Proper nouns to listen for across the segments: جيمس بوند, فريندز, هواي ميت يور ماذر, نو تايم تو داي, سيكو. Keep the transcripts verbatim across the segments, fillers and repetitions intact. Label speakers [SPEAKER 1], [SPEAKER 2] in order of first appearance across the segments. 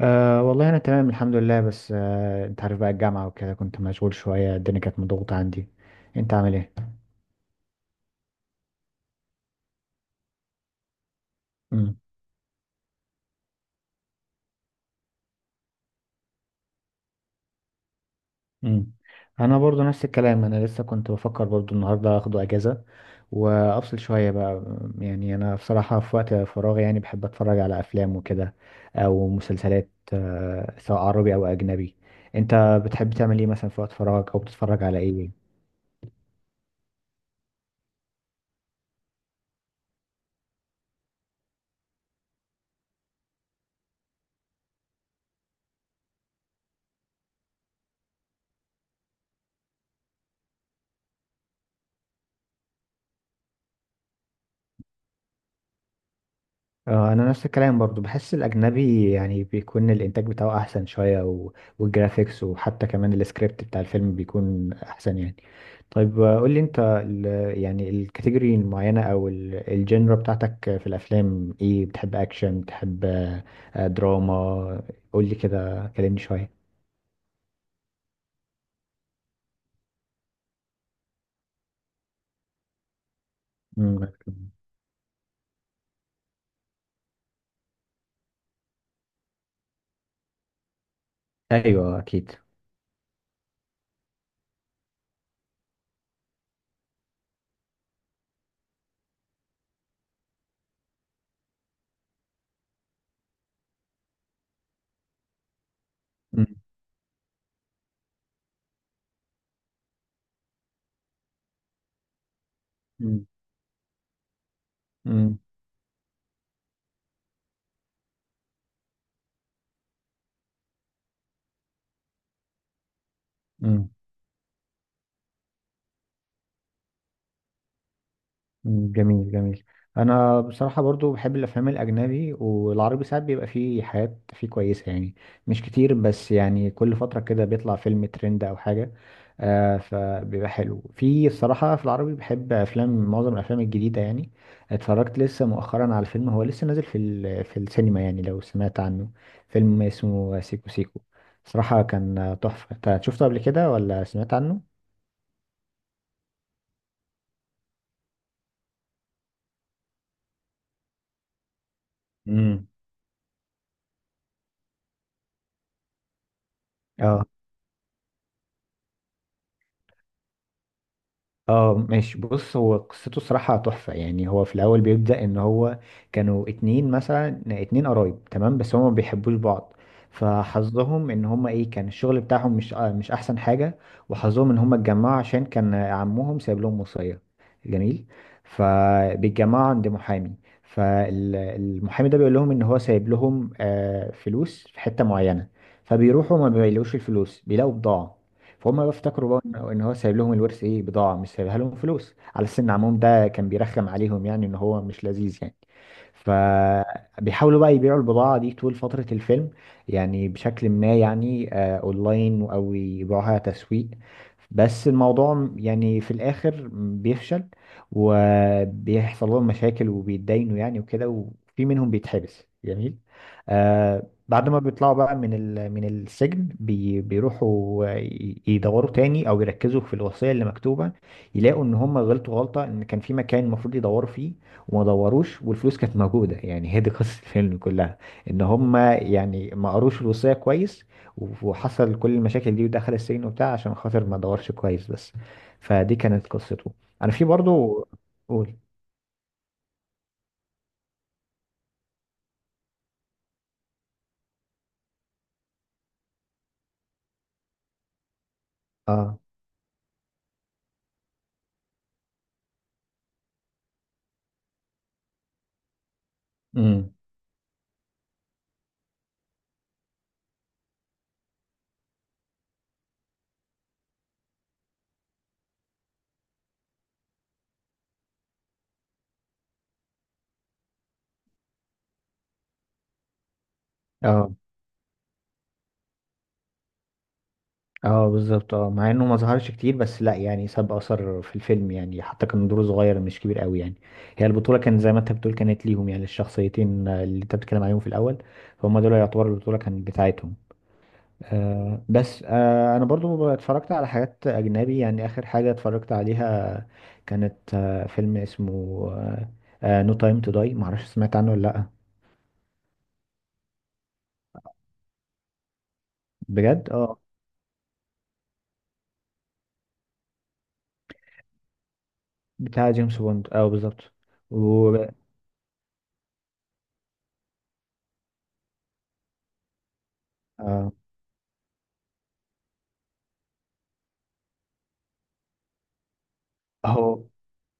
[SPEAKER 1] أه والله، أنا تمام الحمد لله. بس أه أنت عارف بقى، الجامعة وكده كنت مشغول شوية، الدنيا كانت مضغوطة عندي. أنت عامل إيه؟ مم. مم. أنا برضو نفس الكلام، أنا لسه كنت بفكر برضو النهاردة أخده أجازة وأفصل شوية بقى. يعني أنا بصراحة في وقت فراغي يعني بحب أتفرج على أفلام وكده، أو مسلسلات أه سواء عربي أو أجنبي. أنت بتحب تعمل إيه مثلا في وقت فراغك أو بتتفرج على إيه؟ اه، انا نفس الكلام برضو، بحس الاجنبي يعني بيكون الانتاج بتاعه احسن شويه و... والجرافيكس وحتى كمان السكريبت بتاع الفيلم بيكون احسن يعني. طيب، آه، قول لي انت ال... يعني الكاتيجوري المعينه او ال... الجنرا بتاعتك في الافلام ايه، بتحب اكشن، بتحب آه، آه، دراما؟ قول لي كده كلمني شويه. مم. ايوه اكيد. مم. مم. مم. مم، جميل جميل. انا بصراحه برضو بحب الافلام الاجنبي والعربي، ساعات بيبقى فيه حاجات فيه كويسه يعني، مش كتير، بس يعني كل فتره كده بيطلع فيلم ترند او حاجه. آه فبيبقى حلو في الصراحه، في العربي بحب افلام معظم الافلام الجديده يعني. اتفرجت لسه مؤخرا على فيلم هو لسه نازل في ال- في السينما يعني، لو سمعت عنه. فيلم اسمه سيكو سيكو، صراحه كان تحفه. انت شفته قبل كده ولا سمعت عنه؟ امم. اه. اه ماشي، بص، هو قصته صراحة تحفة. يعني هو في الأول بيبدأ إن هو كانوا اتنين، مثلا اتنين قرايب، تمام، بس هما ما بيحبوش بعض. فحظهم إن هما، إيه، كان الشغل بتاعهم مش آه مش أحسن حاجة. وحظهم إن هما اتجمعوا عشان كان عمهم سايب لهم وصية. جميل. فبيتجمعوا عند محامي. فالمحامي ده بيقول لهم إن هو سايب لهم آه فلوس في حتة معينة. فبيروحوا ما بيلاقوش الفلوس، بيلاقوا بضاعة. فهم بقى افتكروا بقى ان إن هو سايب لهم الورث، ايه، بضاعه مش سايبها لهم فلوس، على سن عمهم ده كان بيرخم عليهم يعني ان هو مش لذيذ يعني. فبيحاولوا بقى يبيعوا البضاعة دي طول فترة الفيلم، يعني بشكل ما يعني آه، اونلاين او يبيعوها تسويق. بس الموضوع م- يعني في الاخر بيفشل، وبيحصل لهم مشاكل وبيتداينوا يعني وكده، وفي منهم بيتحبس، جميل. آه بعد ما بيطلعوا بقى من ال من السجن، بي بيروحوا ي- يدوروا تاني او يركزوا في الوصية اللي مكتوبة. يلاقوا ان هم غلطوا غلطة، ان كان في مكان المفروض يدوروا فيه وما دوروش، والفلوس كانت موجودة. يعني هي دي قصة الفيلم كلها، ان هما يعني ما قروش الوصية كويس، وحصل كل المشاكل دي ودخل السجن وبتاع عشان خاطر ما دورش كويس بس. فدي كانت قصته. انا في برضو. قول. اه. امم. اه. اه، بالظبط، اه مع انه ما ظهرش كتير بس لا يعني، ساب اثر في الفيلم يعني، حتى كان دوره صغير مش كبير قوي يعني. هي البطولة كانت زي ما انت بتقول، كانت ليهم يعني الشخصيتين اللي انت بتتكلم عليهم في الاول، فهم دول يعتبر البطولة كانت بتاعتهم. آه، بس آه، انا برضو اتفرجت على حاجات اجنبي يعني، اخر حاجة اتفرجت عليها كانت آه، فيلم اسمه نو تايم تو داي، معرفش سمعت عنه ولا لا. بجد اه. بتاع جيمس بوند اه بالظبط. و آه، هو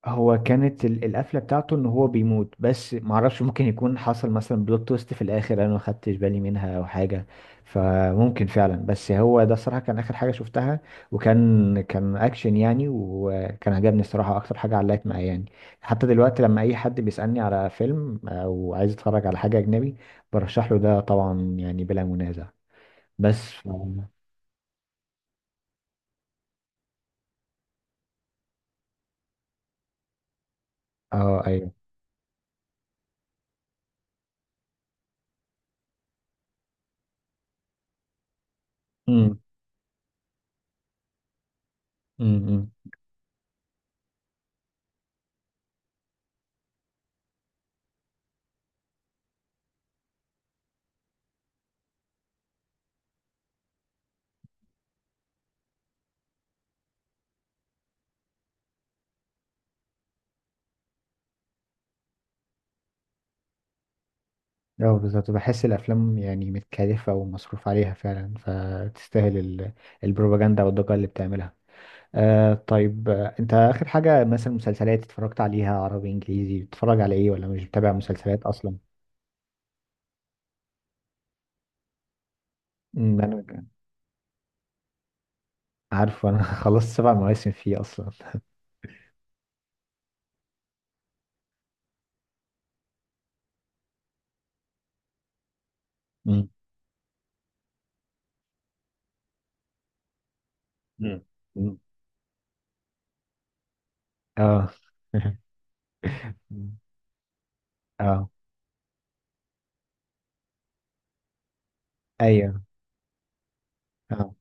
[SPEAKER 1] هو كانت ال- القفله بتاعته ان هو بيموت. بس معرفش، ممكن يكون حصل مثلا بلوت تويست في الاخر انا ما خدتش بالي منها او حاجه، فممكن فعلا. بس هو ده الصراحه كان اخر حاجه شفتها، وكان كان اكشن يعني، وكان عجبني الصراحه، اكتر حاجه علقت معايا يعني. حتى دلوقتي لما اي حد بيسالني على فيلم او عايز يتفرج على حاجه اجنبي برشح له ده طبعا، يعني بلا منازع. بس ف- اه. ايوه. امم. امم، امم. اه، بالظبط، بحس الافلام يعني متكلفه ومصروف عليها فعلا، فتستاهل ال- البروباجندا والضجه اللي بتعملها. آه طيب، آه، انت اخر حاجه مثلا، مسلسلات اتفرجت عليها عربي انجليزي، بتتفرج على ايه ولا مش بتابع مسلسلات اصلا؟ امم. انا ك- عارف. انا خلصت سبع مواسم فيه اصلا. امم. مم. مم. اه. اه. ايوه. اه.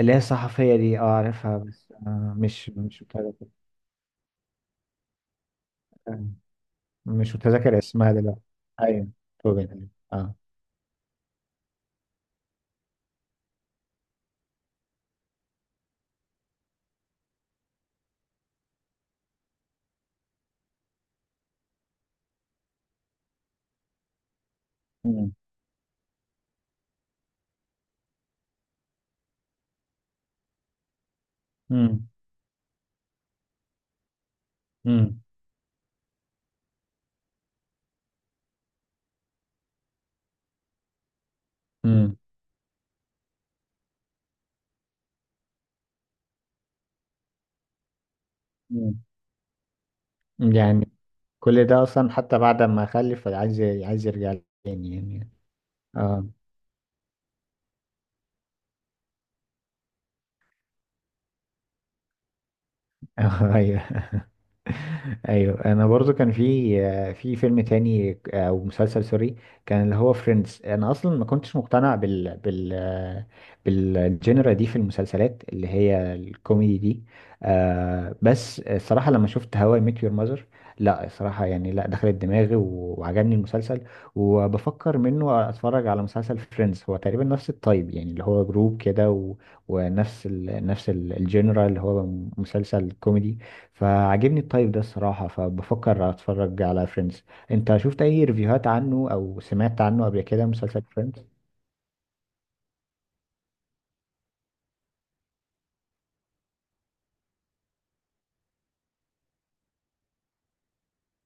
[SPEAKER 1] اللي هي الصحفيه دي، اه، عارفها، بس آه مش مش متابع. مش متذكر اسمها دلوقتي. ايوه. كوفن اه. مم. مم. مم. مم. مم. يعني كل ده اصلا، حتى بعد ما اخلف عايز عايز يرجع لي تاني يعني. اه. ايوه. ايوه، انا برضو كان في في فيلم تاني او مسلسل سوري، كان اللي هو فريندز. انا اصلا ما كنتش مقتنع بال بال بالجنرا دي في المسلسلات اللي هي الكوميدي دي. آه بس الصراحه لما شفت هواي ميت يور ماذر، لا الصراحه يعني، لا دخلت دماغي و- وعجبني المسلسل. وبفكر منه اتفرج على مسلسل فريندز، هو تقريبا نفس التايب يعني اللي هو جروب كده، و- ونفس ال نفس الجنرا اللي هو مسلسل كوميدي. فعجبني الطيب ده الصراحة، فبفكر اتفرج على فريندز. انت شفت اي ريفيوهات عنه او سمعت عنه قبل كده، مسلسل فريندز؟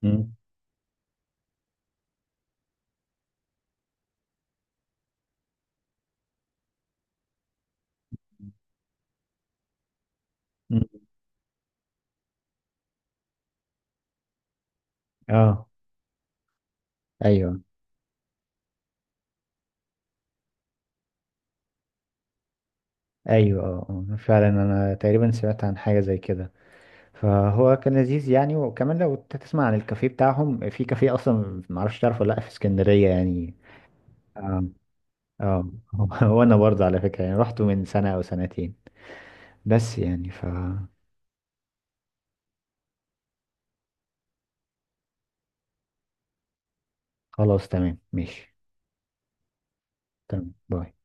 [SPEAKER 1] امم. اه. ايوه. ايوه. اه. آه. فعلا، انا تقريبا سمعت عن حاجة زي كده. فهو كان لذيذ يعني، وكمان لو انت تسمع عن الكافيه بتاعهم، في كافيه اصلا، معرفش تعرفه ولا لا، في اسكندرية يعني. اه. اه. وانا برضه على فكرة يعني رحته من سنة او سنتين، بس يعني فخلاص. تمام ماشي. تمام باي.